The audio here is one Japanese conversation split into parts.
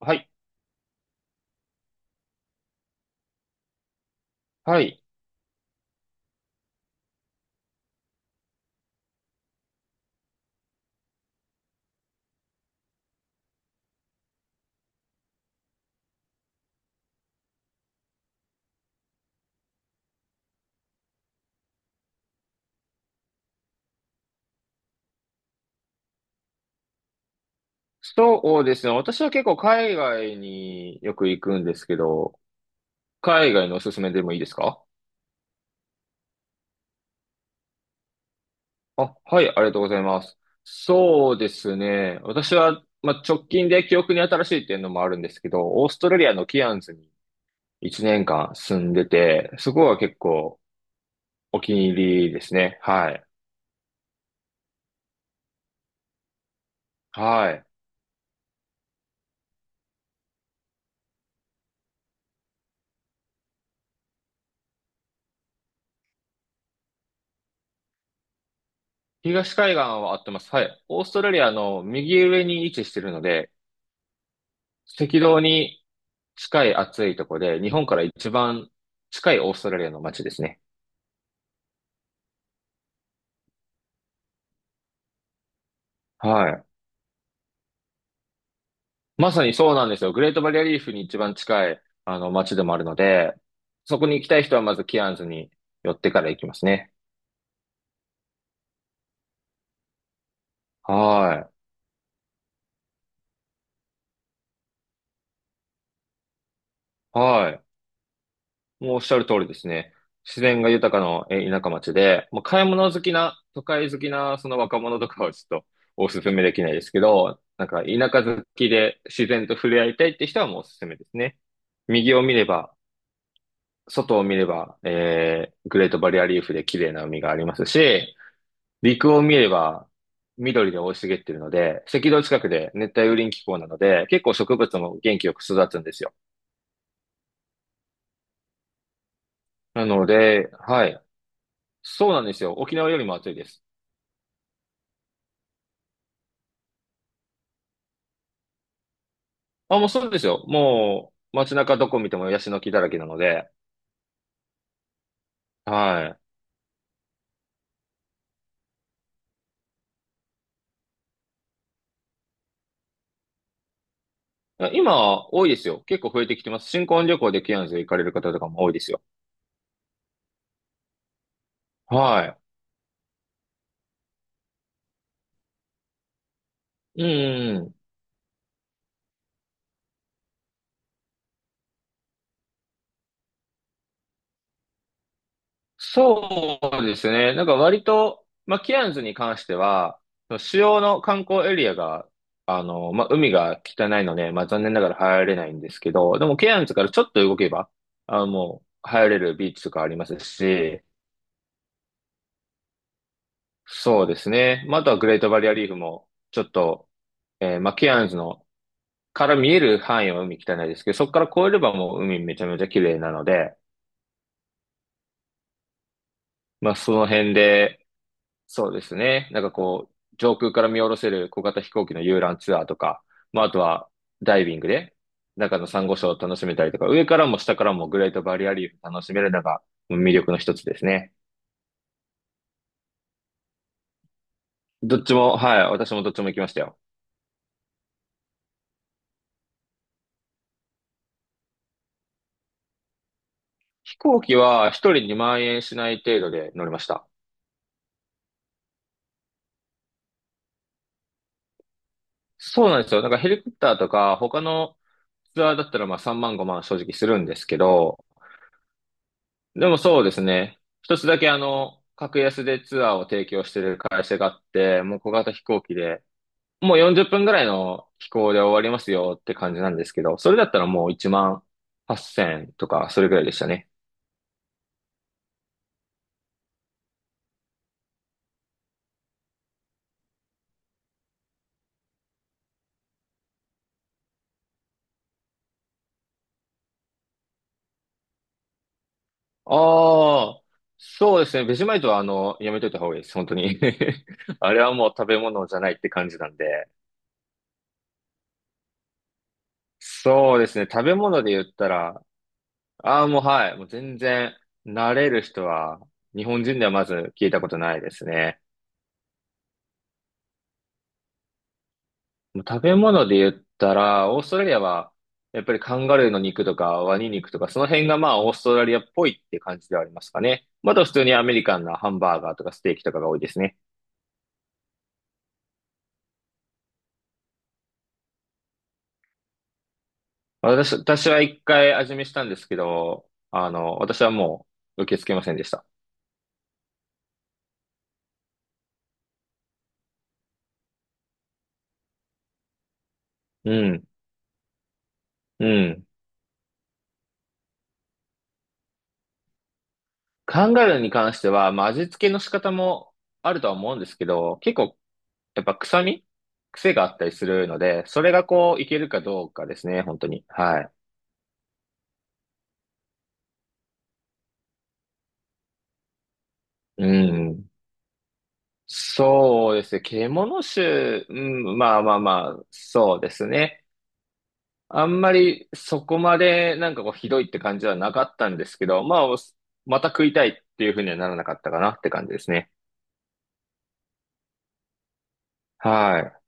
はい。はい。そうですね。私は結構海外によく行くんですけど、海外のおすすめでもいいですか？あ、はい、ありがとうございます。そうですね。私は、まあ、直近で記憶に新しいっていうのもあるんですけど、オーストラリアのキアンズに1年間住んでて、そこは結構お気に入りですね。はい。はい。東海岸は合ってます。はい。オーストラリアの右上に位置してるので、赤道に近い暑いとこで、日本から一番近いオーストラリアの街ですね。はい。まさにそうなんですよ。グレートバリアリーフに一番近い、あの、街でもあるので、そこに行きたい人はまずキアンズに寄ってから行きますね。はい。はい。もうおっしゃる通りですね。自然が豊かな田舎町で、まあ買い物好きな、都会好きなその若者とかはちょっとお勧めできないですけど、なんか田舎好きで自然と触れ合いたいって人はもうおすすめですね。右を見れば、外を見れば、グレートバリアリーフで綺麗な海がありますし、陸を見れば緑で大い茂っているので、赤道近くで熱帯雨林気候なので、結構植物も元気よく育つんですよ。なので、はい。そうなんですよ。沖縄よりも暑いです。あ、もうそうですよ。もう街中どこ見てもヤシの木だらけなので、はい。いや今、多いですよ。結構増えてきてます。新婚旅行でケアンズ行かれる方とかも多いですよ。はい。うん。そうですね。なんか割と、まあ、ケアンズに関しては、その主要の観光エリアが、あの、まあ、海が汚いので、まあ、残念ながら入れないんですけど、でもケアンズからちょっと動けば、あもう入れるビーチとかありますし、そうですね。まあ、あとはグレートバリアリーフも、ちょっとえーマキアンズのから見える範囲は海汚いですけど、そこから越えればもう海めちゃめちゃ綺麗なので、まあその辺で、そうですね、なんかこう、上空から見下ろせる小型飛行機の遊覧ツアーとか、まああとはダイビングで中のサンゴ礁を楽しめたりとか、上からも下からもグレートバリアリーフ楽しめるのが魅力の一つですね。どっちも、はい、私もどっちも行きましたよ。飛行機は一人2万円しない程度で乗りました。そうなんですよ。なんかヘリコプターとか他のツアーだったらまあ3万5万正直するんですけど、でもそうですね。一つだけあの、格安でツアーを提供してる会社があって、もう小型飛行機で、もう40分ぐらいの飛行で終わりますよって感じなんですけど、それだったらもう1万8000とか、それぐらいでしたね。ああ、そうですね。ベジマイトはあの、やめといた方がいいです。本当に。あれはもう食べ物じゃないって感じなんで。そうですね。食べ物で言ったら、ああ、もうはい。もう全然、慣れる人は、日本人ではまず聞いたことないですね。もう食べ物で言ったら、オーストラリアは、やっぱりカンガルーの肉とかワニ肉とか、その辺がまあオーストラリアっぽいって感じではありますかね。まだ普通にアメリカンなハンバーガーとかステーキとかが多いですね。私は一回味見したんですけど、あの、私はもう受け付けませんでした。うん、うん。カンガルーに関しては、まあ味付けの仕方もあるとは思うんですけど、結構やっぱ臭み癖があったりするので、それがこう、いけるかどうかですね、本当に。はい。うん。そうですね。獣種、うん、まあまあまあ、そうですね。あんまりそこまでなんかこう、ひどいって感じはなかったんですけど、まあ、おまた食いたいっていうふうにはならなかったかなって感じですね。はい。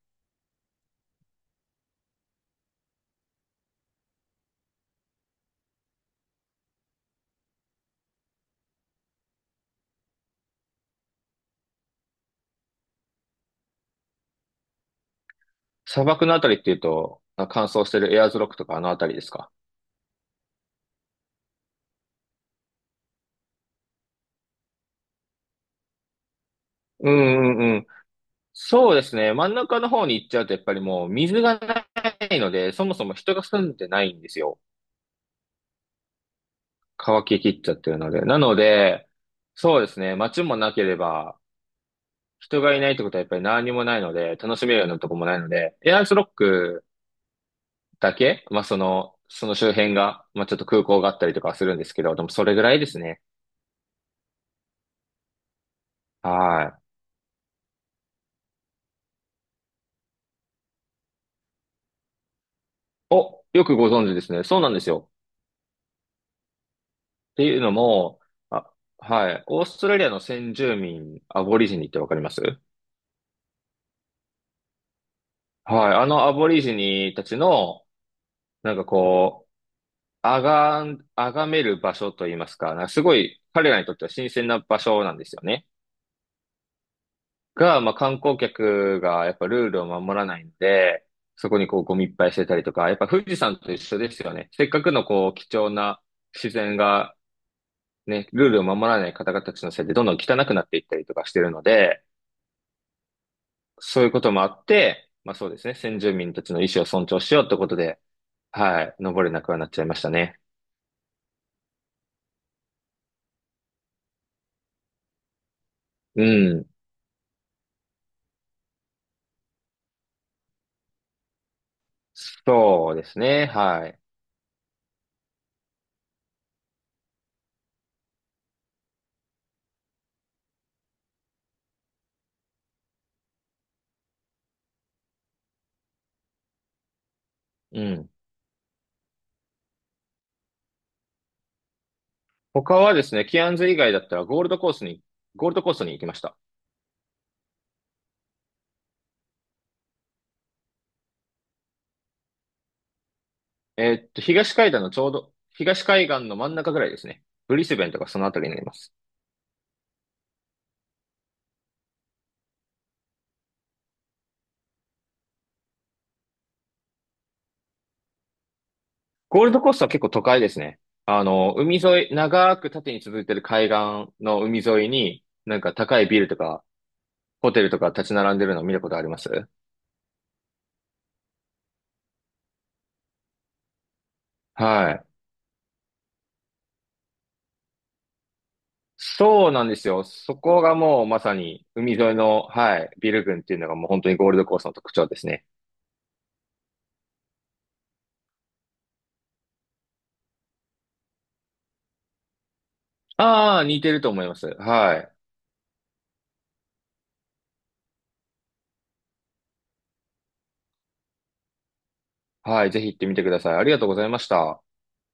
砂漠のあたりっていうと、乾燥してるエアーズロックとかあのあたりですか？うんうん、そうですね。真ん中の方に行っちゃうと、やっぱりもう水がないので、そもそも人が住んでないんですよ。乾ききっちゃってるので。なので、そうですね。街もなければ、人がいないってことはやっぱり何にもないので、楽しめるようなとこもないので、エアーズロックだけ、まあその、その周辺が、まあちょっと空港があったりとかはするんですけど、でもそれぐらいですね。はい。お、よくご存知ですね。そうなんですよ。っていうのも、あ、はい。オーストラリアの先住民、アボリジニってわかりますはい。あのアボリジニたちの、なんかこう、あが、あがめる場所といいますか、なんかすごい彼らにとっては新鮮な場所なんですよね。が、まあ観光客がやっぱルールを守らないので、そこにこうゴミいっぱいしてたりとか、やっぱ富士山と一緒ですよね。せっかくのこう貴重な自然がね、ルールを守らない方々たちのせいでどんどん汚くなっていったりとかしてるので、そういうこともあって、まあそうですね、先住民たちの意思を尊重しようってことで、はい、登れなくはなっちゃいましたね。うん。そうですね。はい。うん。他はですね、キアンズ以外だったらゴールドコーストに行きました。えーっと、東海岸のちょうど、東海岸の真ん中ぐらいですね。ブリスベンとかそのあたりになります。ゴールドコーストは結構都会ですね。あの、海沿い、長く縦に続いてる海岸の海沿いに、なんか高いビルとか、ホテルとか立ち並んでるのを見たことありますはい。そうなんですよ。そこがもうまさに海沿いの、はい、ビル群っていうのがもう本当にゴールドコーストの特徴ですね。ああ、似てると思います。はい。はい、ぜひ行ってみてください。ありがとうございました。